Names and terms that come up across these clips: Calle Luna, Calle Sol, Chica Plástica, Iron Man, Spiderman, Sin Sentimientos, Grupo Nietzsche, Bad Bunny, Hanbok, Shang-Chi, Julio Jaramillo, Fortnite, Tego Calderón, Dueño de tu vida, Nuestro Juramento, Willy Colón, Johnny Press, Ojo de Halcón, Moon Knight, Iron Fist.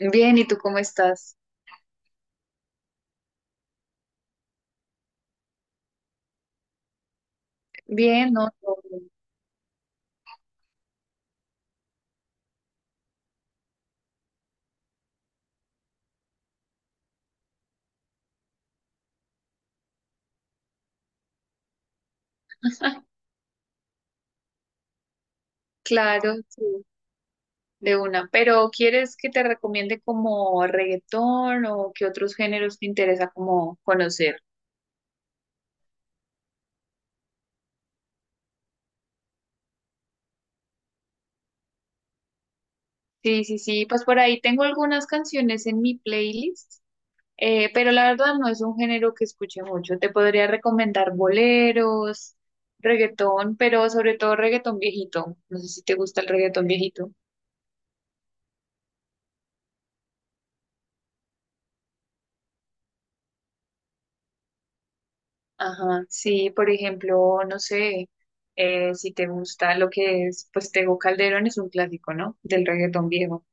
Bien, ¿y tú cómo estás? Bien, ¿no? Todo bien. Claro, sí, de una. Pero ¿quieres que te recomiende como reggaetón o qué otros géneros te interesa como conocer? Sí, sí, sí, pues por ahí tengo algunas canciones en mi playlist, pero la verdad no es un género que escuche mucho. Te podría recomendar boleros, reggaetón, pero sobre todo reggaetón viejito. No sé si te gusta el reggaetón viejito. Ajá, sí, por ejemplo, no sé, si te gusta lo que es, pues Tego Calderón es un clásico, ¿no? Del reggaetón viejo.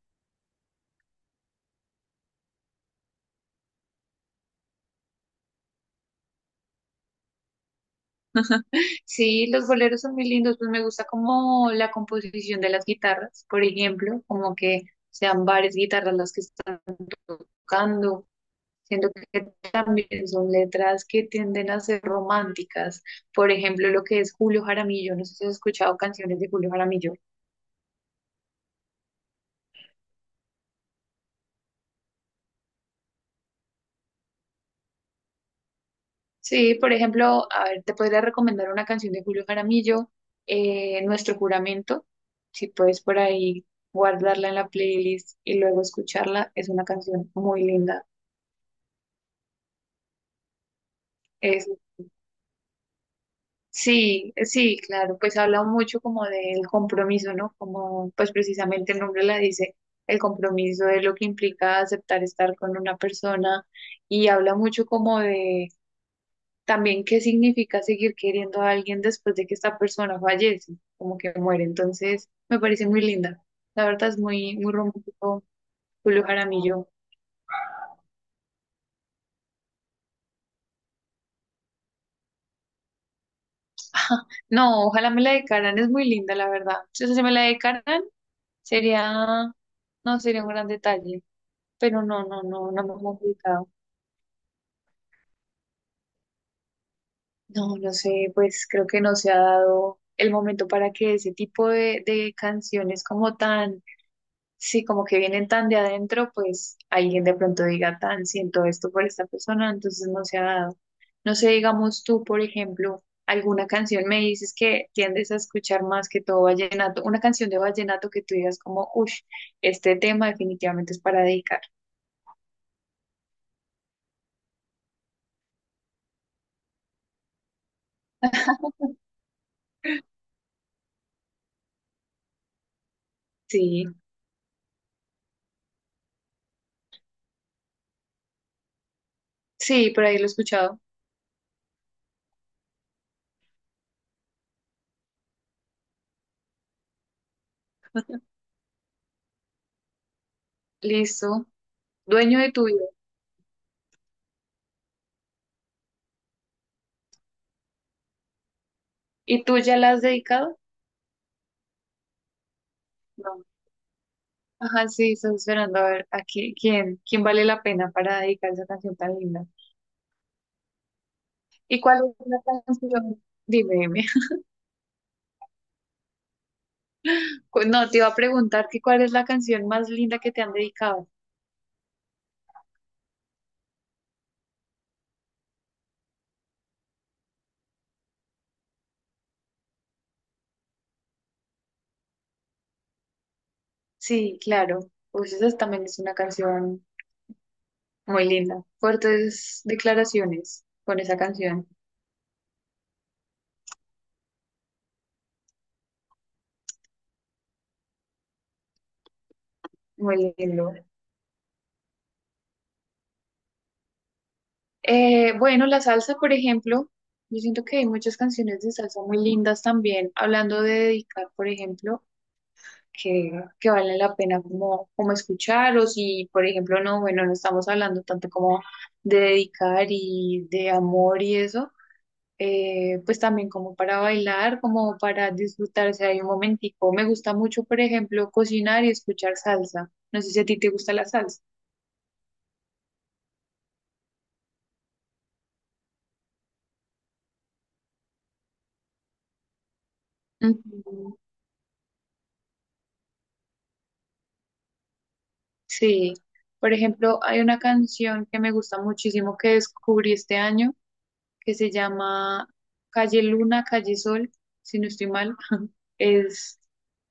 Sí, los boleros son muy lindos, pues me gusta como la composición de las guitarras, por ejemplo, como que sean varias guitarras las que están tocando. Siento que también son letras que tienden a ser románticas. Por ejemplo, lo que es Julio Jaramillo, no sé si has escuchado canciones de Julio Jaramillo. Sí, por ejemplo, a ver, te podría recomendar una canción de Julio Jaramillo, Nuestro Juramento, si puedes por ahí guardarla en la playlist y luego escucharla, es una canción muy linda. Es, sí, sí, claro, pues habla mucho como del compromiso, ¿no? Como pues precisamente el nombre la dice, el compromiso es lo que implica aceptar estar con una persona y habla mucho como de también qué significa seguir queriendo a alguien después de que esta persona fallece, como que muere. Entonces, me parece muy linda. La verdad es muy, muy romántico Julio Jaramillo. No, ojalá me la dedicaran, es muy linda, la verdad. Si eso se me la dedicaran, sería, no, sería un gran detalle. Pero no me ha complicado. No, no sé, pues creo que no se ha dado el momento para que ese tipo de canciones como tan. Sí, como que vienen tan de adentro, pues alguien de pronto diga tan, siento esto por esta persona, entonces no se ha dado. No sé, digamos tú, por ejemplo, alguna canción, me dices que tiendes a escuchar más que todo vallenato, una canción de vallenato que tú digas como, uff, este tema definitivamente es para dedicar. Sí, sí, por ahí lo he escuchado. Listo. Dueño de tu vida. ¿Y tú ya la has dedicado? No. Ajá, sí, estás esperando a ver a quién, quién vale la pena para dedicar esa canción tan linda. ¿Y cuál es la canción? Dime, dime. No, te iba a preguntar que cuál es la canción más linda que te han dedicado. Sí, claro. También es una canción muy linda. Fuertes declaraciones con esa canción. Muy lindo. Bueno, la salsa, por ejemplo. Yo siento que hay muchas canciones de salsa muy lindas también. Hablando de dedicar, por ejemplo. que, que vale la pena como, como escuchar o si, por ejemplo, no, bueno, no estamos hablando tanto como de dedicar y de amor y eso, pues también como para bailar, como para disfrutarse ahí un momentico. Me gusta mucho, por ejemplo, cocinar y escuchar salsa. No sé si a ti te gusta la salsa. Ujú. Sí, por ejemplo, hay una canción que me gusta muchísimo que descubrí este año que se llama Calle Luna, Calle Sol, si no estoy mal, es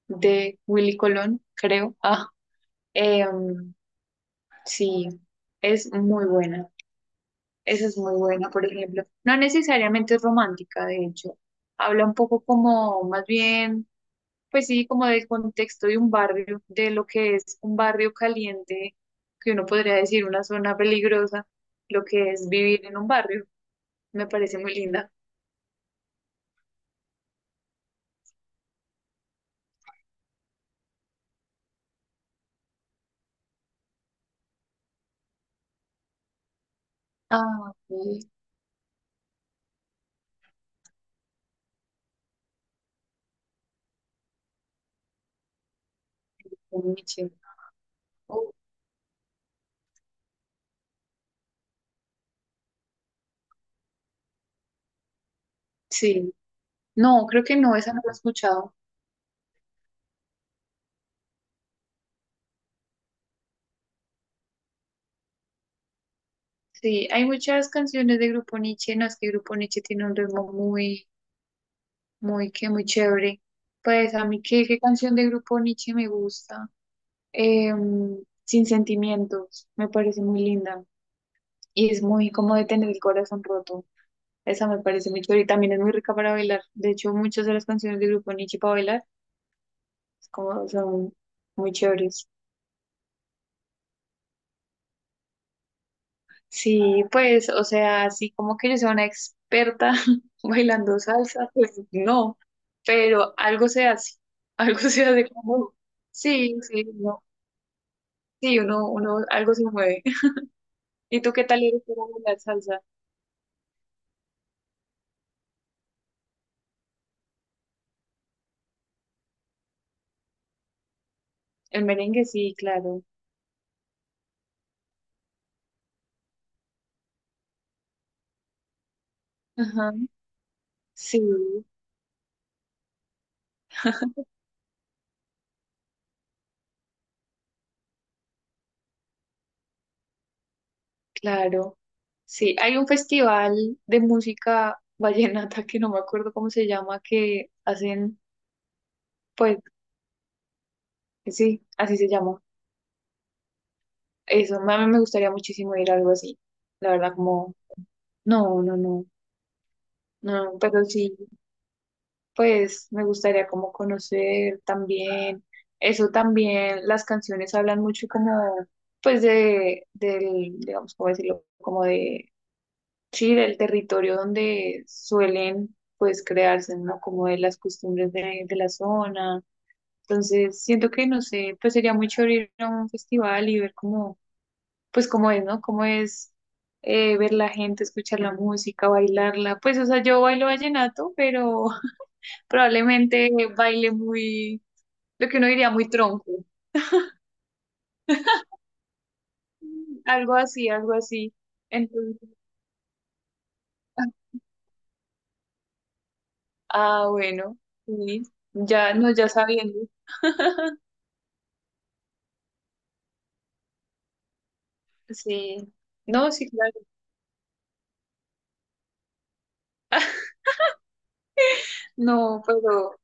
de Willy Colón, creo. Ah, em, sí, es muy buena. Esa es muy buena, por ejemplo. No necesariamente es romántica, de hecho. Habla un poco como, más bien, pues sí, como del contexto de un barrio, de lo que es un barrio caliente, que uno podría decir una zona peligrosa, lo que es vivir en un barrio. Me parece muy linda. Ah, ok. Nietzsche. Oh, sí, no, creo que no, esa no la he escuchado. Sí, hay muchas canciones de Grupo Nietzsche, no es que Grupo Nietzsche tiene un ritmo que muy chévere. Pues a mí, ¿qué canción de Grupo Nietzsche me gusta? Sin Sentimientos, me parece muy linda y es muy como de tener el corazón roto. Esa me parece muy chévere y también es muy rica para bailar. De hecho, muchas de las canciones de Grupo Nietzsche para bailar es como son muy chéveres. Sí, pues, o sea, así como que yo sea una experta bailando salsa, pues no, pero algo se hace, algo se hace como, sí, sí, no, sí, uno, algo se mueve. ¿Y tú qué tal eres para bailar salsa? El merengue, sí, claro. Ajá, sí, claro. Sí, hay un festival de música vallenata que no me acuerdo cómo se llama, que hacen, pues, sí, así se llama. Eso, a mí me gustaría muchísimo ir a algo así. La verdad, como, no, no, no, no, pero sí, pues me gustaría como conocer también, eso también, las canciones hablan mucho como, pues del, digamos, ¿cómo decirlo? Como de, sí, del territorio donde suelen, pues, crearse, ¿no? Como de las costumbres de la zona. Entonces, siento que, no sé, pues sería muy chévere ir a un festival y ver como pues cómo es, ¿no? Cómo es ver la gente, escuchar la música, bailarla. Pues, o sea, yo bailo vallenato, pero probablemente baile muy, lo que uno diría, muy tronco. Algo así, algo así. Entonces, ah, bueno, sí, ya, no, ya sabiendo. Sí, no, sí, claro, no,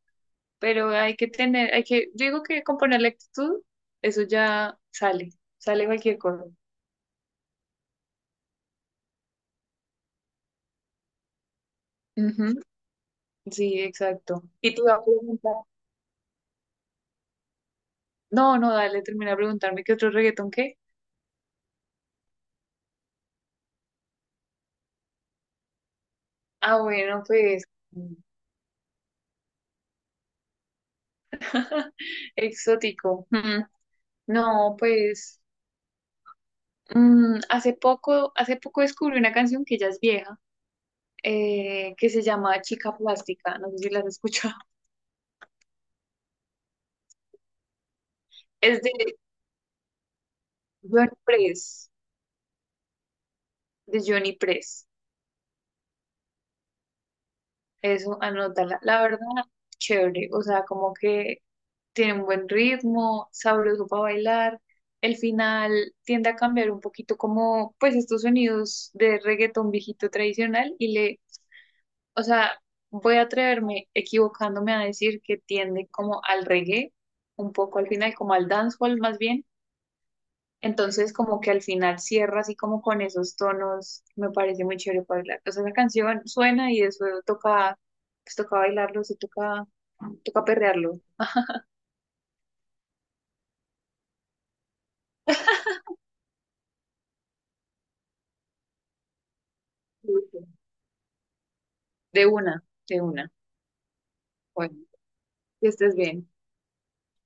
pero hay que tener, hay que, yo digo que con ponerle actitud, eso ya sale, sale cualquier cosa. Sí, exacto. Y tú vas a preguntar. No, no, dale, termina de preguntarme qué otro reggaetón qué. Ah, bueno, pues exótico. Mm, no, pues mm, hace poco descubrí una canción que ya es vieja, que se llama Chica Plástica. No sé si la has escuchado. Es de Johnny Press, de Johnny Press. Eso, anótala. La verdad, chévere. O sea, como que tiene un buen ritmo, sabroso para bailar. El final tiende a cambiar un poquito como pues estos sonidos de reggaetón viejito tradicional y le, o sea, voy a atreverme equivocándome a decir que tiende como al reggae, un poco al final, como al dancehall más bien. Entonces como que al final cierra así como con esos tonos, me parece muy chévere para bailar. O sea, la canción suena y eso toca, pues toca bailarlo, se toca, toca perrearlo, de una, de una. Bueno, que estés bien.